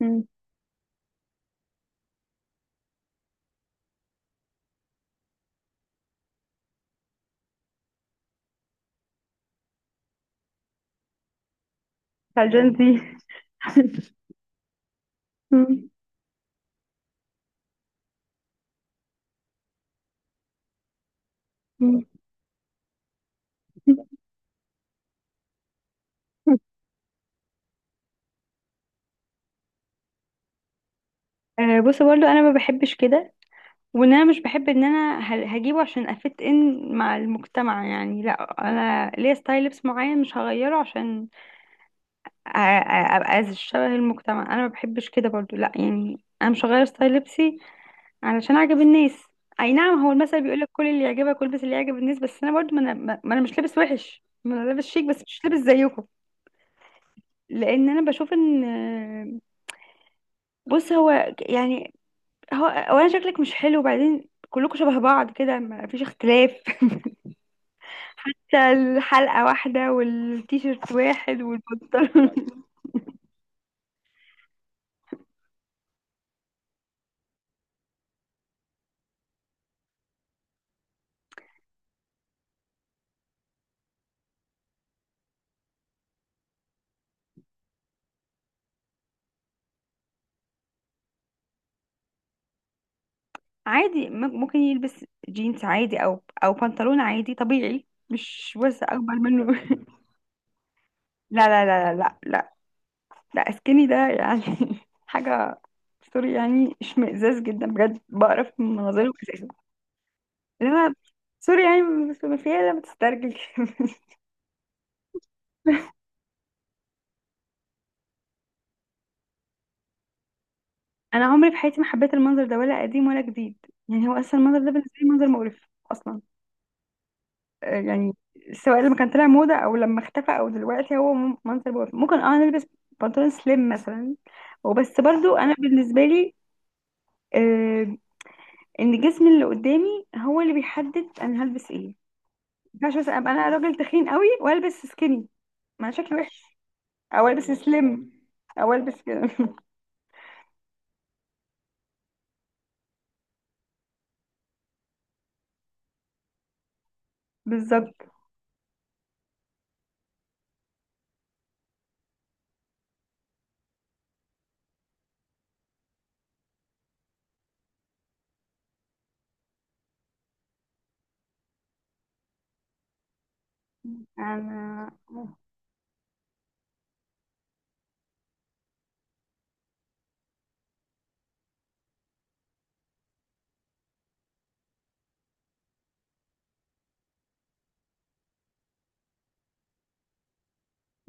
مم. فالجنسي آه، بص برضو انا ما بحبش كده، وان انا مش بحب ان انا هجيبه عشان افت ان مع المجتمع. يعني لا، انا ليا ستايل لبس معين مش هغيره عشان أ- أ- ابقى شبه المجتمع. انا ما بحبش كده برضو، لا يعني انا مش هغير ستايل لبسي علشان اعجب الناس. اي نعم، هو المثل بيقول لك كل اللي يعجبك والبس اللي يعجب الناس، بس انا برضو ما أنا مش لابس وحش، ما انا لابس شيك، بس مش لابس زيكم. لان انا بشوف ان بص هو يعني هو اولا شكلك مش حلو، وبعدين كلكم شبه بعض كده، ما فيش اختلاف. حتى الحلقة واحدة والتيشيرت واحد والبنطلون. عادي، ممكن يلبس جينز عادي او او بنطلون عادي طبيعي، مش واسع اكبر منه. لا لا لا لا لا لا، لا سكيني ده يعني حاجة. سوري يعني، اشمئزاز جدا بجد، بقرف من مناظره اساسا. انما سوري يعني، بس ما فيها لا، ما تسترجل. انا عمري في حياتي ما حبيت المنظر ده، ولا قديم ولا جديد. يعني هو اصلا المنظر ده بالنسبه لي منظر مقرف اصلا. يعني سواء لما كان طلع موضه او لما اختفى او دلوقتي، هو منظر مقرف. ممكن اه نلبس بنطلون سليم مثلا، وبس. برضو انا بالنسبه لي آه، ان جسمي اللي قدامي هو اللي بيحدد انا هلبس ايه. ما ينفعش مثلا ابقى انا راجل تخين قوي والبس سكيني، ما شكلي وحش، او البس سليم او البس كده. بالظبط. انا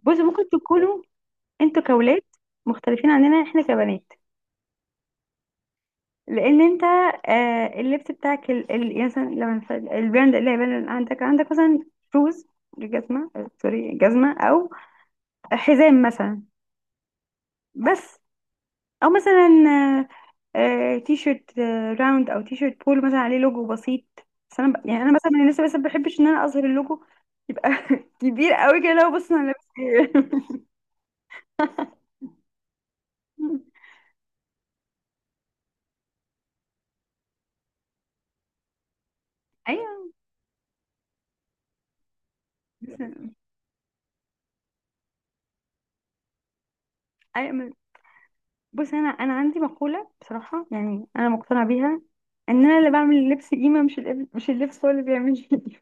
بص ممكن تكونوا انتوا كولاد مختلفين عننا احنا كبنات، لان انت اللبس بتاعك يعني مثلا لما البراند اللي هيبان عندك، عندك مثلا شوز، جزمه، آه، سوري، جزمه، او حزام مثلا، بس، او مثلا آه تي شيرت راوند او تي شيرت بول مثلا عليه لوجو بسيط. بس انا يعني انا مثلا من الناس اللي، بس ما بحبش ان انا اظهر اللوجو. يبقى كبير قوي كده لو بص انا لابس ايه. ايوه. أيوة، بص انا عندي مقوله بصراحه يعني انا مقتنعه بيها، ان انا اللي بعمل اللبس قيمه، مش اللبس، مش اللبس هو اللي بيعمل لي قيمة.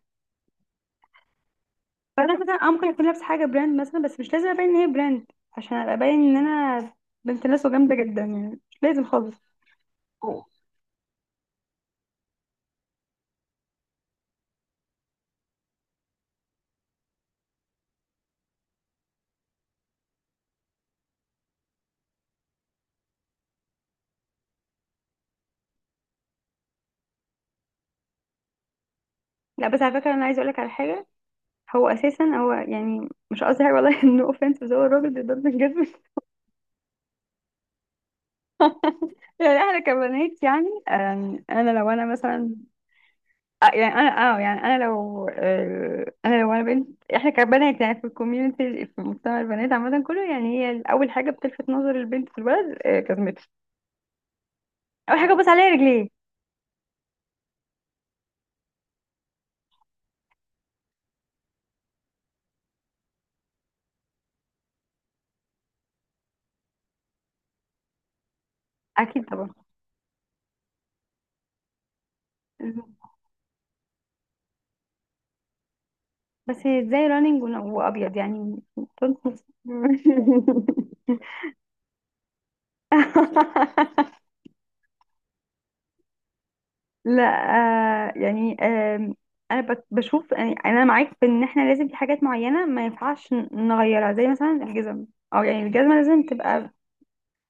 فانا مثلا آه ممكن اكون لابسه حاجه براند مثلا، بس مش لازم ابين ان هي براند عشان ابقى باين ان انا بنت ناس وجامده جدا. يعني مش لازم خالص. أوه. لا بس على فكره انا عايزه اقول لك على حاجه. هو اساسا، هو يعني مش قصدي حاجه والله انه اوفنس، بس هو الراجل بيضرب الجزم. يعني احنا كبنات يعني انا لو انا مثلا، آه، يعني انا اه يعني انا لو آه، انا لو انا بنت. احنا كبنات يعني في الكوميونتي، في مجتمع البنات عامه كله يعني هي اول حاجه بتلفت نظر البنت في البلد جزمتها. اول حاجه ببص عليها رجليه. اكيد طبعا. بس هي ازاي رانينج وابيض يعني؟ لا آه يعني آم، انا بشوف، يعني انا معاك في ان احنا لازم في حاجات معينه ما ينفعش نغيرها زي مثلا الجزم، او يعني الجزمه لازم تبقى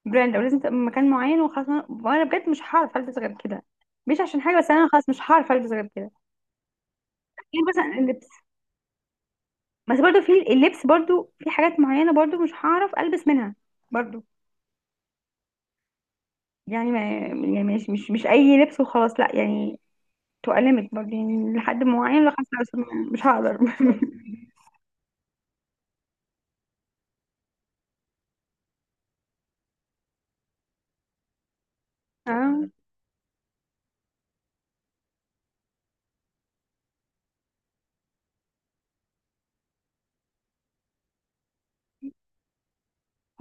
براند او لازم تبقى من مكان معين وخلاص. وأنا بجد مش هعرف البس غير كده، مش عشان حاجه، بس انا خلاص مش هعرف البس غير كده. يعني مثلا اللبس، بس برضو في اللبس برضو في حاجات معينه برضو مش هعرف البس منها برضو. يعني ما يعني مش مش مش اي ليميت وخلاص، لا يعني تبقى ليميت برضو، يعني لحد معين، لو خلاص مش هقدر. اه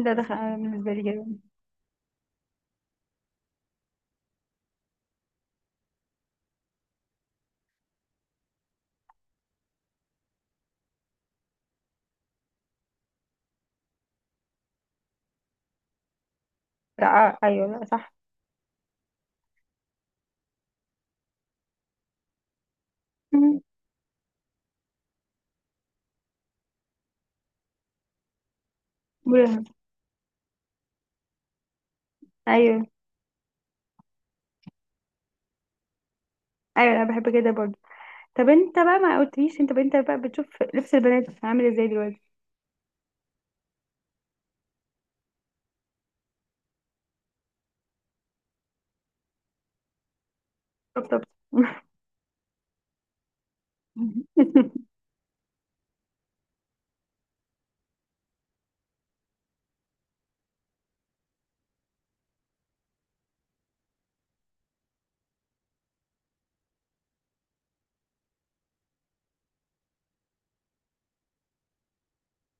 ده دخل بالنسبه لي كده. لا آه، ايوه، لا صح. مم. مريحة. ايوه ايوه، انا بحب كده برضو. طب انت بقى ما قلتليش، انت انت بقى بتشوف لبس البنات عامل ازاي دلوقتي؟ طبطبت.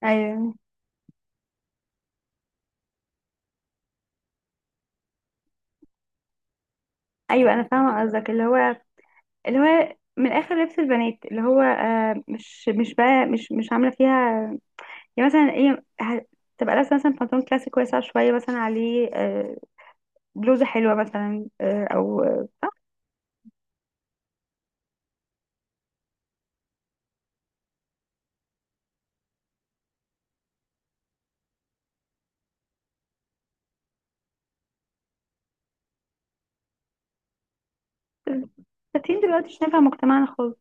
ايوه ايوه، انا فاهمه قصدك، اللي هو اللي هو من الاخر لبس البنات اللي هو آه، مش مش بقى مش مش عامله فيها. يعني مثلا ايه، تبقى لابسه مثلا بنطلون كلاسيك واسع شويه، مثلا عليه بلوزه حلوه مثلا، آه او آه، صح. فاتين دلوقتي مش نافع مجتمعنا خالص.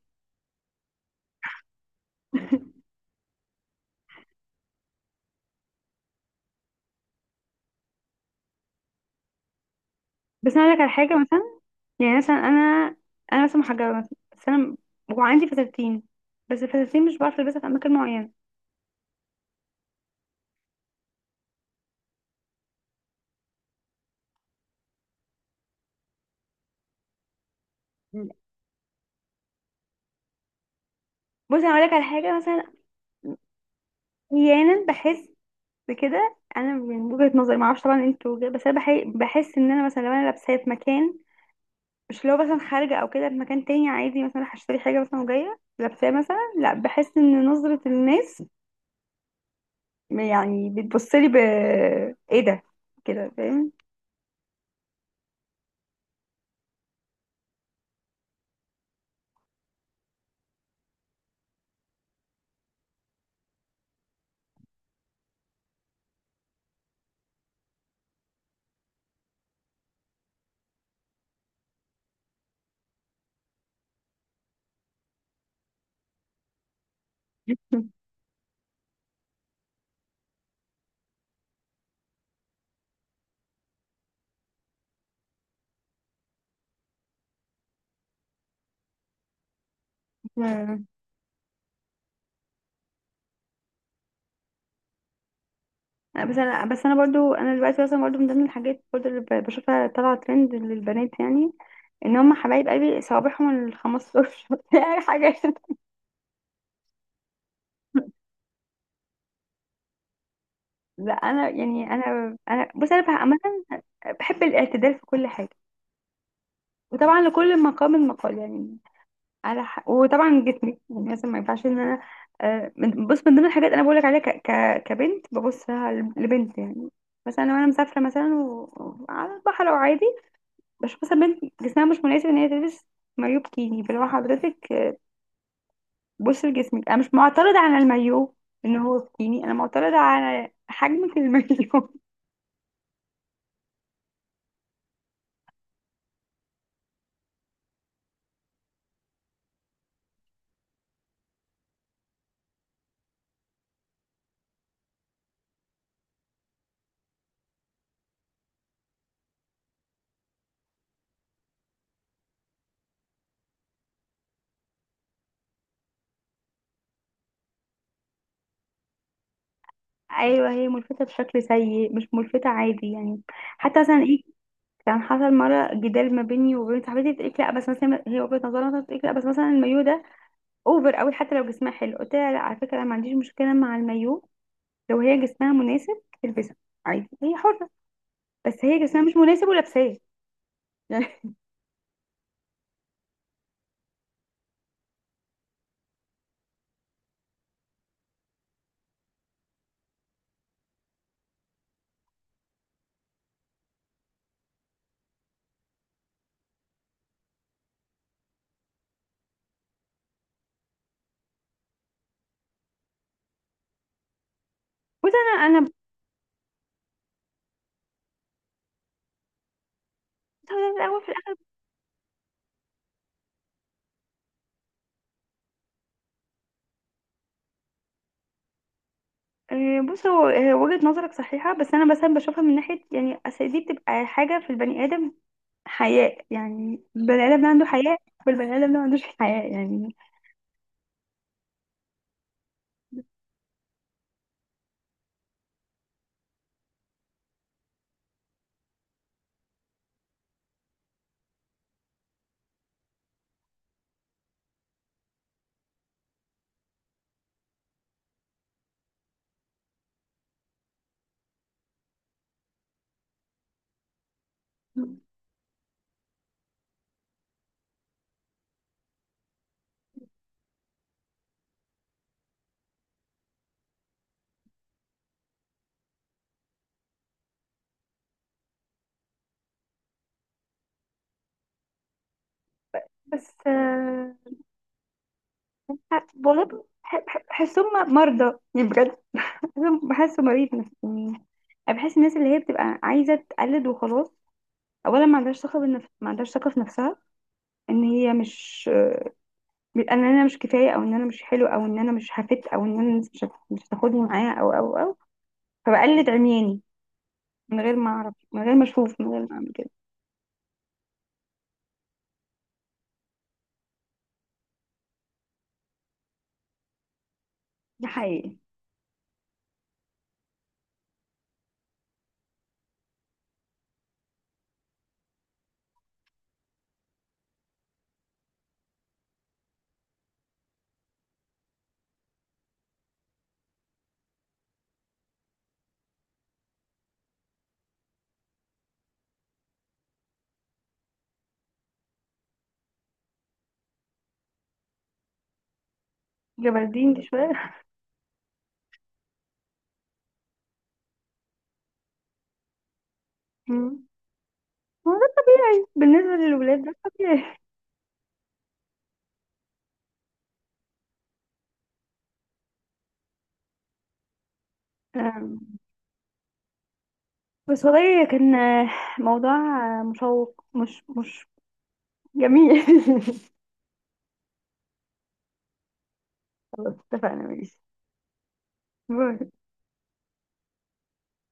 بس انا اقول لك على حاجه مثلا، يعني مثلا انا، انا مثلا محجبه مثلا، بس انا وعندي فساتين، بس الفساتين مش بعرف البسها في اماكن معينه. بصي انا اقول لك على حاجه مثلا، احيانا بحس بكده. انا من وجهة نظري، معرفش طبعا انتوا وجهة، بس انا بحس ان انا مثلا لو انا لابساه في مكان، مش لو مثلا خارجه او كده في مكان تاني عادي مثلا، هشتري حاجه مثلا وجايه لابساه مثلا، لا بحس ان نظره الناس يعني بتبص لي ب، ايه ده، كده فاهم؟ مم. بس انا بس انا برضو انا دلوقتي مثلا برضو من ضمن الحاجات برضو اللي بشوفها طالعه ترند للبنات يعني، ان هم حبايب قلبي صوابعهم ال 15 يعني. حاجه، لا انا يعني انا بص، انا بقى بحب الاعتدال في كل حاجة، وطبعا لكل مقام مقال يعني، على وطبعا جسمي يعني مثلا ما ينفعش ان انا بص، من ضمن الحاجات انا بقولك عليها كبنت ببص لها لبنت يعني. مثلا لو انا مسافرة مثلا و، على البحر او عادي، بشوف مثلا بنت جسمها مش مناسب ان هي تلبس مايو بكيني. فلو حضرتك بص لجسمك، انا مش معترضة على المايو ان هو بكيني، انا معترضة على حجمك المايو. ايوه، هي ملفتة بشكل سيء، مش ملفتة عادي يعني. حتى مثلا ايه، كان حصل مرة جدال ما بيني وبين صاحبتي، بتقولي لا، بس مثلا هي وجهة نظرها مثلا بتقولي لا، بس مثلا المايو ده اوفر قوي حتى لو جسمها حلو. قلت لها لا على فكرة، انا ما عنديش مشكلة مع المايو لو هي جسمها مناسب تلبسه، عادي هي حرة، بس هي جسمها مش مناسب ولابساه يعني. بص انا بص، هو ده في الاول في الاخر. آه، بص هو آه، وجهة نظرك صحيحة، بس انا مثلا بشوفها من ناحية يعني، اصل دي بتبقى حاجة في البني ادم، حياء. يعني البني ادم ده عنده حياء والبني ادم ده ما عندوش حياء يعني. بس والله بحسهم مرضى يعني بجد، بحسهم، بحسه مريض نفسي يعني. أنا بحس الناس اللي هي بتبقى عايزة تقلد وخلاص، أولا ما عندهاش ثقة بالنفس، ما عندهاش ثقة في نفسها، إن هي مش، إن أنا مش كفاية، أو إن أنا مش حلو، أو إن أنا مش هفت، أو إن أنا الناس مش هتاخدني معايا، أو أو أو، فبقلد عمياني من غير ما أعرف، من غير ما أشوف، من غير ما أعمل كده. دي حقيقي. جبردين دي شوية. مم. بالنسبة للولاد ده طبيعي. بس والله كان موضوع مشوق، مش مش جميل. خلاص، اتفقنا، ماشي. باي.